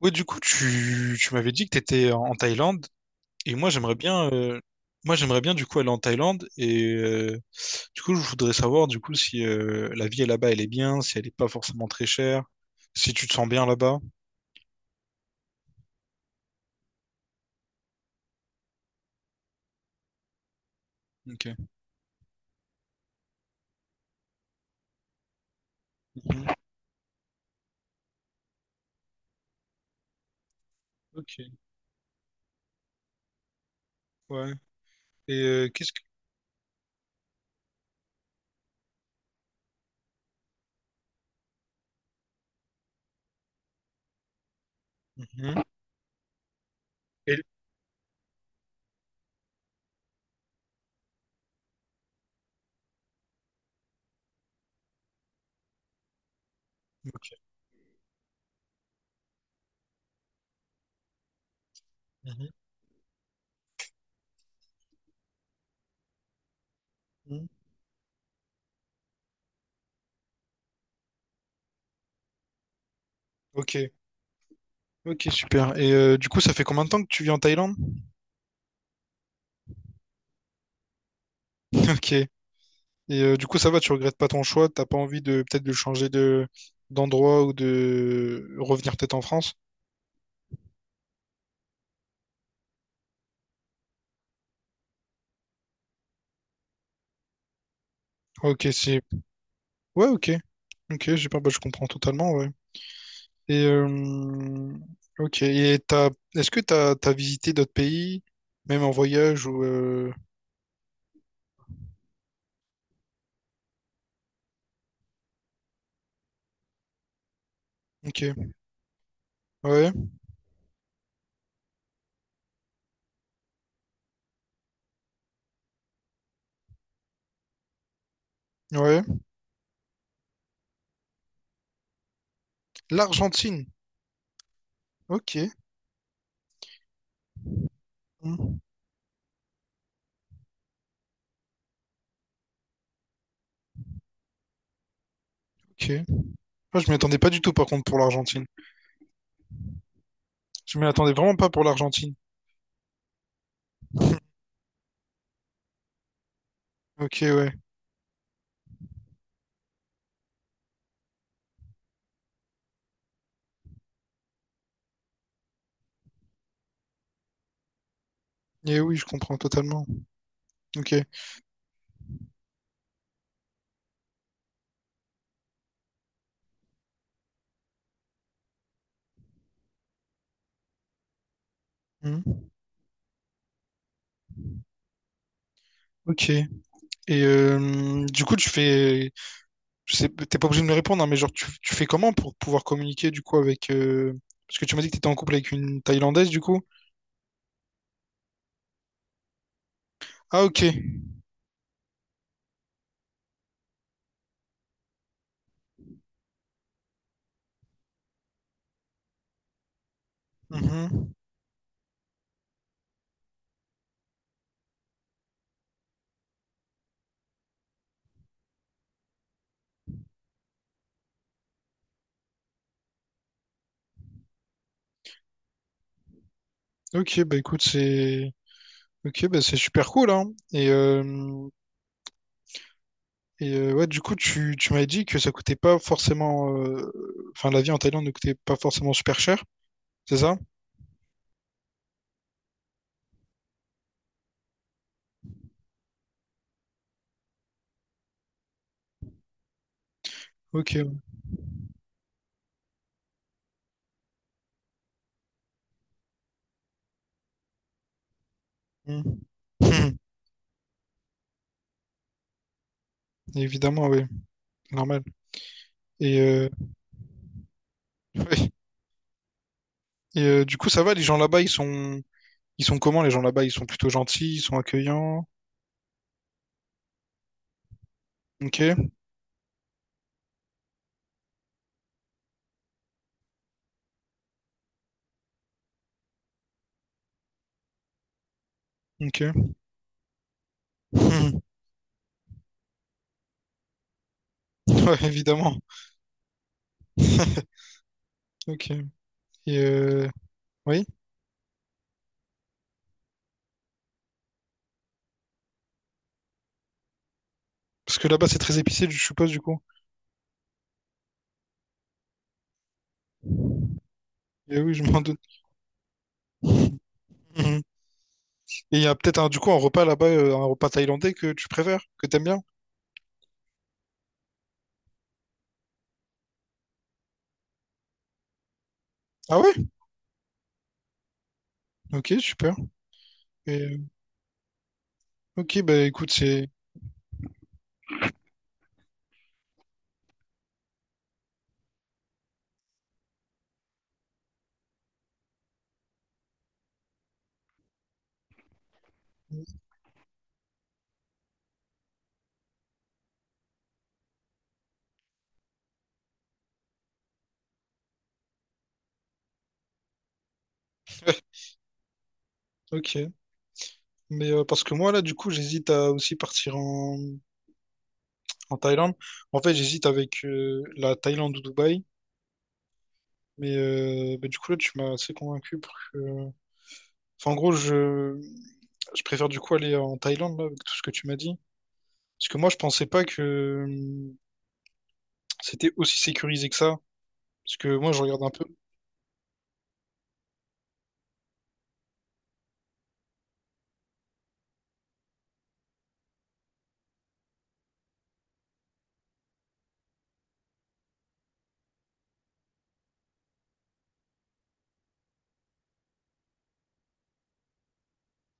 Ouais, du coup, tu m'avais dit que tu étais en Thaïlande et moi j'aimerais bien du coup aller en Thaïlande du coup, je voudrais savoir du coup si la vie là-bas elle est bien, si elle est pas forcément très chère, si tu te sens bien là-bas. OK. Mhm. OK. Ouais. Et qu'est-ce que... Mhm. Et- OK. Mhm. Mhm. OK. Ok, super. Et du coup, ça fait combien de temps que tu vis en Thaïlande? OK. Et du coup, ça va, tu regrettes pas ton choix, t'as pas envie de peut-être de changer de d'endroit ou de revenir peut-être en France. Ah, ok, c'est... Ouais, ok. Ok, j'ai pas... Bah, je comprends totalement, ouais. Et ok. Et t'as, est-ce que t'as visité d'autres pays, même en voyage ou ok. Ouais, ouais. L'Argentine. Ok. Hmm. Ok. Moi, je m'y attendais pas du tout par contre pour l'Argentine. Je m'y attendais vraiment pas pour l'Argentine. Ok, ouais. Et oui, je comprends totalement. Ok. Hmm. Ok. Et du coup, tu fais, je sais, t'es pas obligé de me répondre, hein, mais genre, tu fais comment pour pouvoir communiquer du coup avec, parce que tu m'as dit que t'étais en couple avec une Thaïlandaise du coup. Ah ok. Mhm. Ok, bah écoute, c'est... Ok, bah c'est super cool, hein. Et, euh, et ouais, du coup, tu m'avais dit que ça coûtait pas forcément, enfin, la vie en Thaïlande ne coûtait pas forcément super cher, c'est ça? Ok, ouais. Mhm. Évidemment, oui, normal. Et, ouais. Et du coup, ça va, les gens là-bas, ils sont... Ils sont comment les gens là-bas? Ils sont plutôt gentils, ils sont accueillants. Ok, ok. Ouais, évidemment. Ok. Et oui, parce que là-bas, c'est très épicé, je suppose, du coup. Et oui, je m'en doute. Mhm. Et il y a peut-être un, du coup un repas là-bas, un repas thaïlandais que tu préfères, que t'aimes bien. Ah ouais? Ok, super. Et, ok, bah écoute, c'est... Ok. Mais parce que moi, là, du coup, j'hésite à aussi partir en... En Thaïlande. En fait, j'hésite avec la Thaïlande ou Dubaï, mais bah, du coup, là, tu m'as assez convaincu pour que... Enfin, en gros, je... Je préfère du coup aller en Thaïlande, là, avec tout ce que tu m'as dit. Parce que moi, je pensais pas que c'était aussi sécurisé que ça. Parce que moi, je regarde un peu.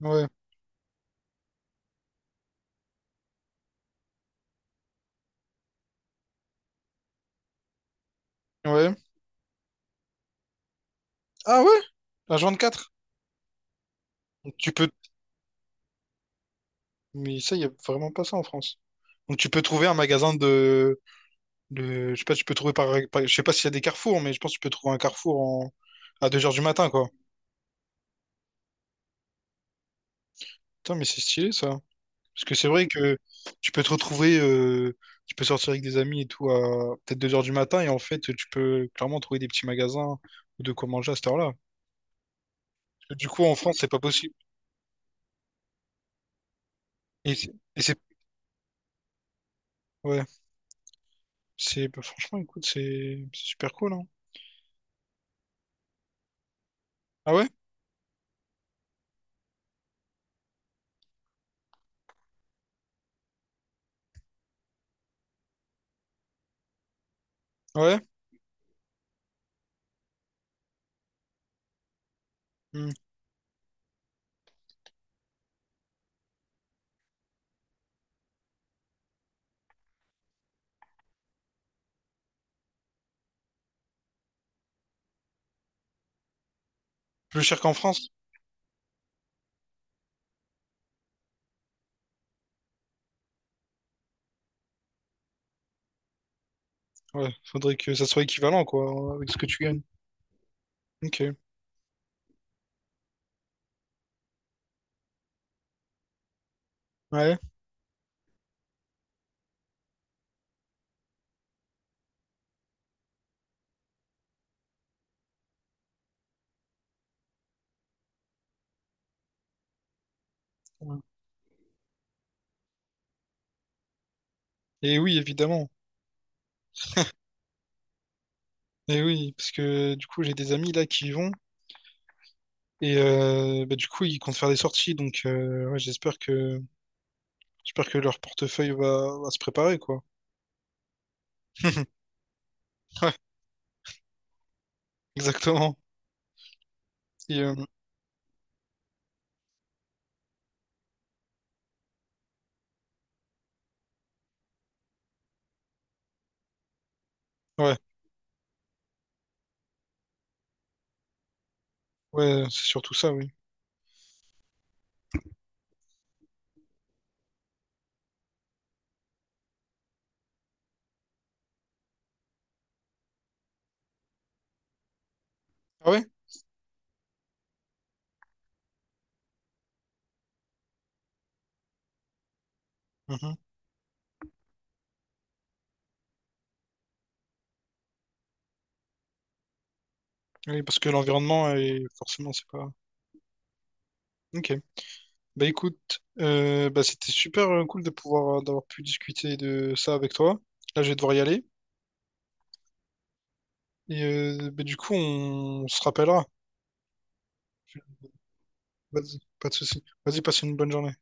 Ouais, ouais. Ah ouais? La 24. Donc, tu peux... Mais ça, il n'y a vraiment pas ça en France. Donc tu peux trouver un magasin de- je sais pas, tu peux trouver par, par- je sais pas s'il y a des carrefours, mais je pense que tu peux trouver un carrefour en, à 2 heures du matin, quoi. Putain, mais c'est stylé ça. Parce que c'est vrai que tu peux te retrouver, tu peux sortir avec des amis et tout à peut-être deux heures du matin et en fait tu peux clairement trouver des petits magasins ou de quoi manger à cette heure-là. Parce que du coup en France c'est pas possible. Et c'est- ouais, c'est bah, franchement écoute c'est super cool hein. Ah ouais? Ouais? Hmm. Plus cher qu'en France? Ouais, faudrait que ça soit équivalent quoi avec ce que tu gagnes. Ok. Ouais. Ouais. Et oui évidemment. Et oui parce que du coup j'ai des amis là qui y vont. Et bah, du coup, ils comptent faire des sorties, donc ouais, j'espère que leur portefeuille va, va se préparer, quoi. Ouais, exactement. Et, ouais, ouais, c'est surtout ça, oui. Ah ouais? Mhm. Oui, parce que l'environnement, est... forcément, c'est pas... Ok. Bah écoute, bah, c'était super cool de pouvoir d'avoir pu discuter de ça avec toi. Là, je vais devoir y aller. Et bah, du coup, on se rappellera. Vas-y, pas de souci. Vas-y, passe une bonne journée.